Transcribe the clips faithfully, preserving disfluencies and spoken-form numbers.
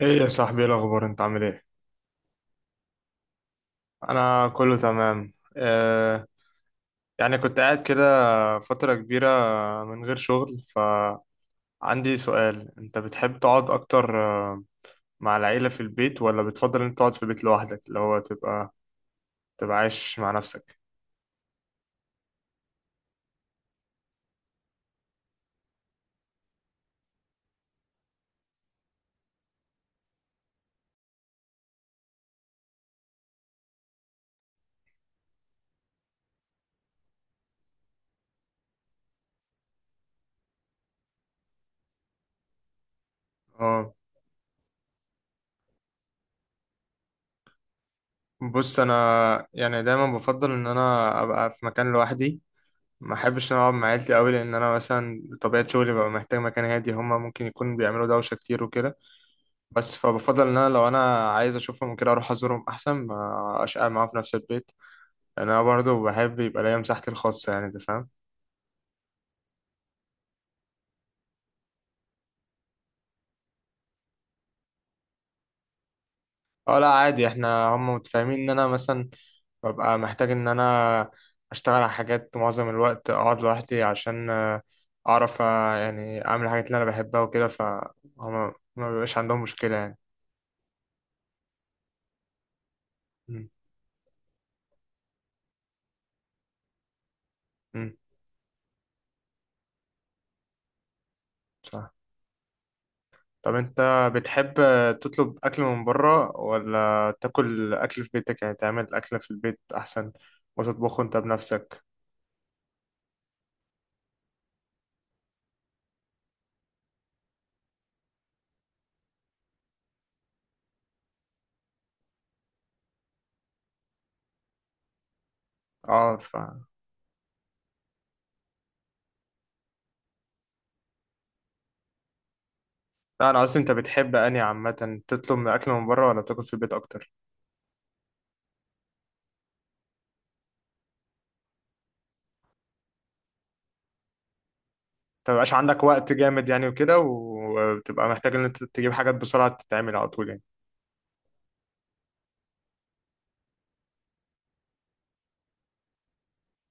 ايه يا صاحبي، ايه الاخبار؟ انت عامل ايه؟ انا كله تمام. آه يعني كنت قاعد كده فترة كبيرة من غير شغل. فعندي سؤال، انت بتحب تقعد اكتر آه، مع العيلة في البيت ولا بتفضل انت تقعد في البيت لوحدك، اللي هو تبقى تبقى عايش مع نفسك؟ اه، بص انا يعني دايما بفضل ان انا ابقى في مكان لوحدي. ما احبش ان انا اقعد مع عيلتي قوي لان انا مثلا طبيعة شغلي ببقى محتاج مكان هادي، هما ممكن يكون بيعملوا دوشة كتير وكده. بس فبفضل ان انا لو انا عايز اشوفهم كده اروح ازورهم احسن ما اشقى معاهم في نفس البيت، لان انا برضو بحب يبقى ليا مساحتي الخاصه، يعني انت فاهم. اه لا عادي، احنا هم متفاهمين ان انا مثلا ببقى محتاج ان انا اشتغل على حاجات معظم الوقت اقعد لوحدي عشان آه، اعرف، آه، يعني اعمل الحاجات اللي انا بحبها وكده، فهم. ما بيبقاش عندهم مشكله يعني. م- م، صح. طب انت بتحب تطلب اكل من بره ولا تاكل اكل في بيتك، يعني تعمل اكل في البيت احسن وتطبخه انت بنفسك؟ اه. ف لا انا قصدي انت بتحب اني عامه تطلب من اكل من بره ولا تاكل في البيت اكتر؟ انت مبقاش عندك وقت جامد يعني وكده، وبتبقى محتاج ان انت تجيب حاجات بسرعه تتعمل على طول يعني؟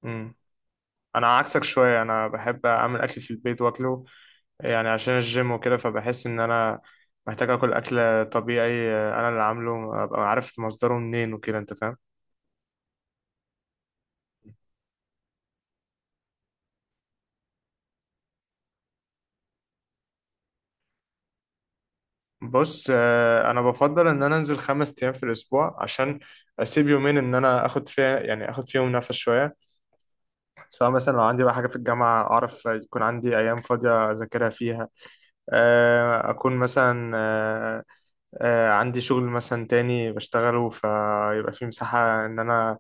امم. انا عكسك شويه، انا بحب اعمل اكل في البيت واكله يعني عشان الجيم وكده، فبحس ان انا محتاج اكل، اكل طبيعي آه، انا اللي عامله، ابقى عارف مصدره منين وكده، انت فاهم. بص آه، انا بفضل ان انا انزل خمس ايام في الاسبوع عشان اسيب يومين ان انا اخد فيها، يعني اخد فيهم نفس شويه، سواء مثلا لو عندي بقى حاجه في الجامعه اعرف يكون عندي ايام فاضيه اذاكرها فيها، آه، اكون مثلا، آه، آه، عندي شغل مثلا تاني بشتغله، فيبقى في مساحة إن أنا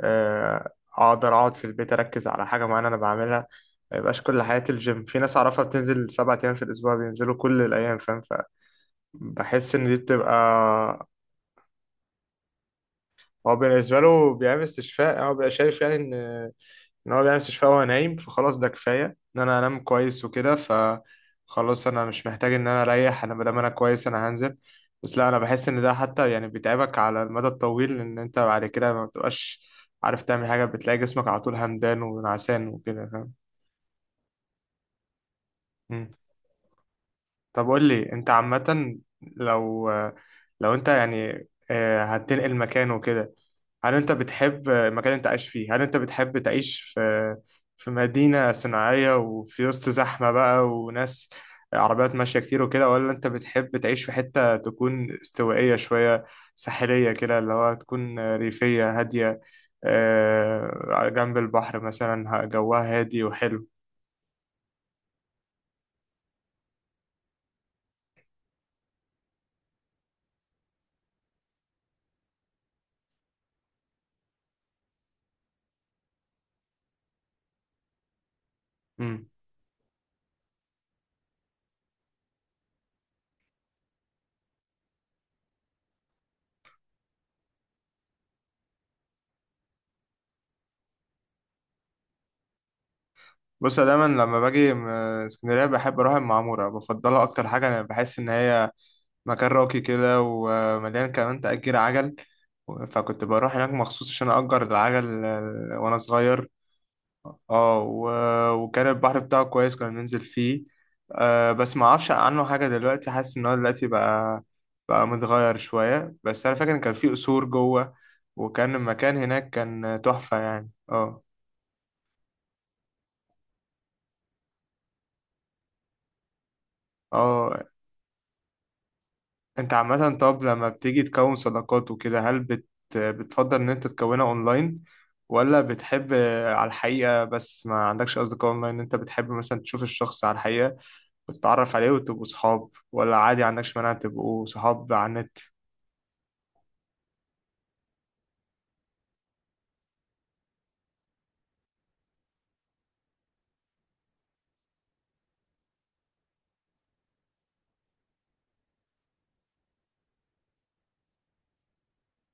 آه، أقدر أقعد في البيت أركز على حاجة معينة أنا بعملها. ما يبقاش كل حياتي الجيم. في ناس أعرفها بتنزل سبعة أيام في الأسبوع، بينزلوا كل الأيام، فاهم؟ فبحس إن دي بتبقى. هو بالنسبة له بيعمل استشفاء، هو بيبقى شايف يعني إن ان هو بيعمل استشفاء وهو نايم فخلاص ده كفايه. ان انا انام كويس وكده فخلاص انا مش محتاج ان انا اريح، انا مادام انا كويس انا هنزل. بس لا انا بحس ان ده حتى يعني بيتعبك على المدى الطويل، ان انت بعد كده ما بتبقاش عارف تعمل حاجه، بتلاقي جسمك على طول همدان ونعسان وكده، فاهم؟ مم. طب قول لي انت عامه، لو لو انت يعني آه، هتنقل مكان وكده، هل انت بتحب المكان اللي انت عايش فيه؟ هل انت بتحب تعيش في في مدينة صناعية وفي وسط زحمة بقى وناس، عربيات ماشية كتير وكده، ولا انت بتحب تعيش في حتة تكون استوائية شوية، ساحلية كده، اللي هو تكون ريفية هادية، آه، على جنب البحر مثلا، ه- جوها هادي وحلو؟ مم. بص أنا دايما لما باجي م- اسكندرية بحب اروح المعمورة، بفضلها اكتر حاجة. انا بحس ان هي مكان راقي كده، ومليان كمان تأجير عجل، فكنت بروح هناك مخصوص عشان أجر العجل آه، وأنا صغير. اه، و- وكان البحر بتاعه كويس، كنا بننزل فيه. آه بس ما اعرفش عنه حاجة دلوقتي، حاسس ان هو دلوقتي بقى بقى متغير شوية، بس انا فاكر ان كان فيه قصور جوه وكان المكان هناك كان تحفة يعني. اه. اه انت عامة، طب لما بتيجي تكون صداقات وكده، هل بت... بتفضل ان انت تكونها اونلاين ولا بتحب على الحقيقة بس؟ ما عندكش اصدقاء اونلاين؟ انت بتحب مثلا تشوف الشخص على الحقيقة وتتعرف عليه وتبقوا صحاب، ولا عادي عندكش مانع تبقوا صحاب على النت؟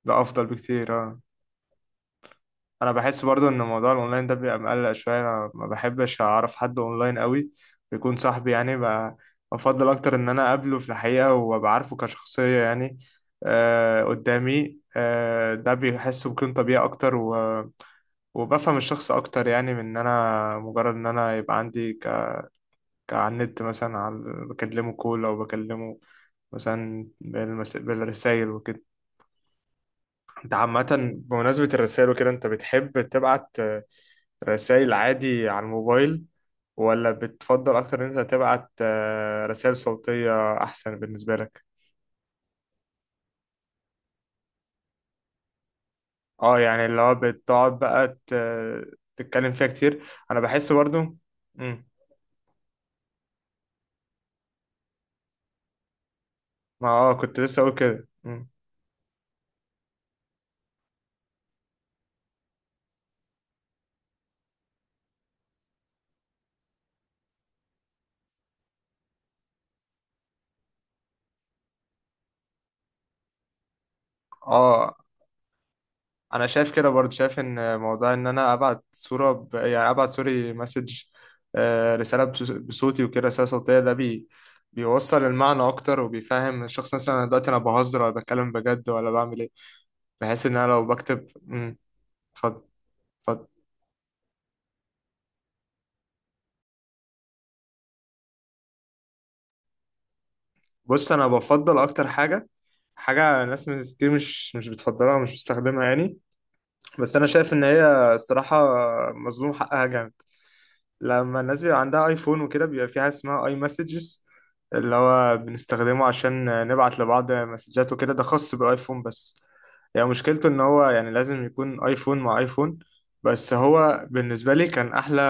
ده افضل بكتير. اه. انا بحس برضو ان موضوع الاونلاين ده بيبقى مقلق شويه، انا ما بحبش اعرف حد اونلاين قوي بيكون صاحبي، يعني ب- بفضل اكتر ان انا اقابله في الحقيقه وابقى عارفه كشخصيه يعني آه قدامي. آه ده بيحس بيكون طبيعي اكتر و... وبفهم الشخص اكتر يعني، من ان انا مجرد ان انا يبقى عندي ك... كعلى النت مثلا، على... بكلمه كول او بكلمه مثلا بالمس... بالرسائل وكده. انت عامه، بمناسبه الرسائل وكده، انت بتحب تبعت رسائل عادي على الموبايل ولا بتفضل أكتر إن أنت تبعت آه، رسائل صوتية أحسن بالنسبة لك؟ اه يعني اللي هو بتقعد بقى ت- تتكلم فيها كتير. أنا بحس برضو. مم. ما اه كنت لسه أقول كده. مم. اه. أنا شايف كده برضو، شايف إن موضوع إن أنا أبعت صورة ب... يعني أبعت سوري مسج، آه، رسالة بص- بصوتي وكده، رسالة صوتية ده بي... بيوصل المعنى أكتر، وبيفهم الشخص مثلا أنا دلوقتي أنا بهزر ولا بتكلم بجد ولا بعمل إيه، بحيث ان انا لو بكتب امم اتفضل، اتفضل. بص انا بفضل اكتر حاجه، حاجه ناس مش- كتير مش مش بتفضلها ومش بتستخدمها يعني، بس انا شايف ان هي الصراحه مظلوم حقها جامد. لما الناس بيبقى عندها ايفون وكده، بيبقى في حاجه اسمها اي مسجز، اللي هو بنستخدمه عشان نبعت لبعض مسجات وكده، ده خاص بالايفون بس، يعني مشكلته ان هو يعني لازم يكون ايفون مع ايفون. بس هو بالنسبه لي كان احلى،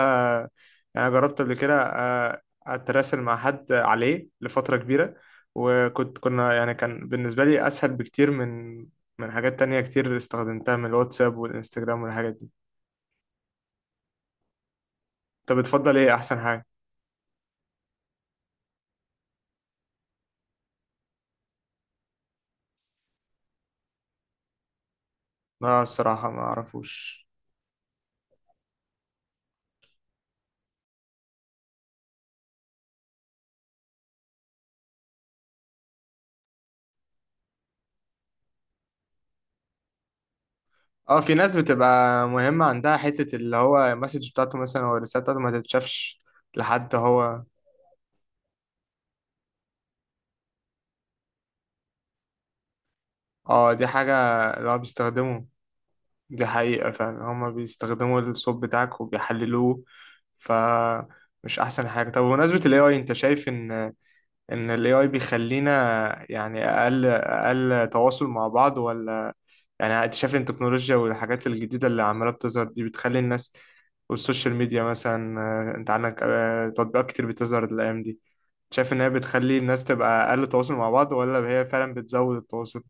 يعني أنا جربت قبل كده آه، اتراسل مع حد عليه لفتره كبيره، وكنت كنا يعني كان بالنسبه لي اسهل بكتير من، من حاجات تانية كتير استخدمتها، من الواتساب والانستجرام والحاجات دي. طب بتفضل ايه احسن حاجه؟ لا الصراحة ما اعرفوش. اه في ناس بتبقى مهمة عندها حتة اللي هو المسج بتاعته مثلا او الرسالة بتاعته ما تتشافش لحد هو. اه دي حاجة اللي هو بيستخدمه. دي حقيقة فعلا، هما بيستخدموا الصوت بتاعك وبيحللوه. ف مش احسن حاجة. طب بمناسبة ال A I، انت شايف ان ان ال A I بيخلينا يعني اقل اقل تواصل مع بعض؟ ولا يعني اكتشاف التكنولوجيا والحاجات الجديدة اللي عمالة بتظهر دي بتخلي الناس، والسوشيال ميديا مثلا، آه، انت عندك آه، تطبيقات كتير بتظهر الايام دي، شايف ان هي بتخلي الناس تبقى اقل تواصل مع بعض ولا هي فعلا بتزود التواصل؟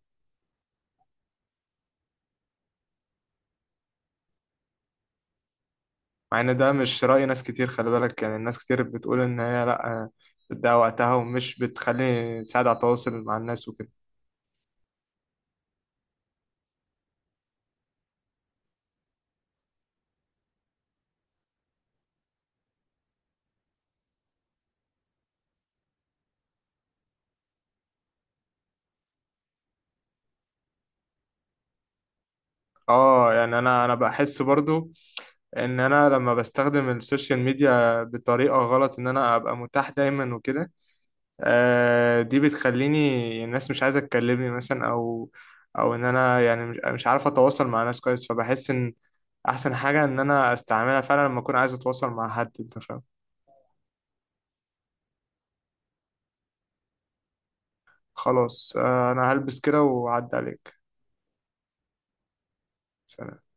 مع ان ده مش رأي ناس كتير، خلي بالك، يعني الناس كتير بتقول ان هي لا، آه، بتضيع وقتها ومش بتخلي تساعد على التواصل مع الناس وكده. اه يعني انا انا بحس برضو ان انا لما بستخدم السوشيال ميديا بطريقة غلط ان انا ابقى متاح دايما وكده، آه، دي بتخليني الناس مش عايزة تكلمني مثلا، أو أو إن أنا يعني مش مش عارف أتواصل مع ناس كويس، فبحس إن أحسن حاجة إن أنا أستعملها فعلا لما أكون عايز أتواصل مع حد، أنت فاهم. خلاص آه، أنا هلبس كده وأعدي عليك. سلام.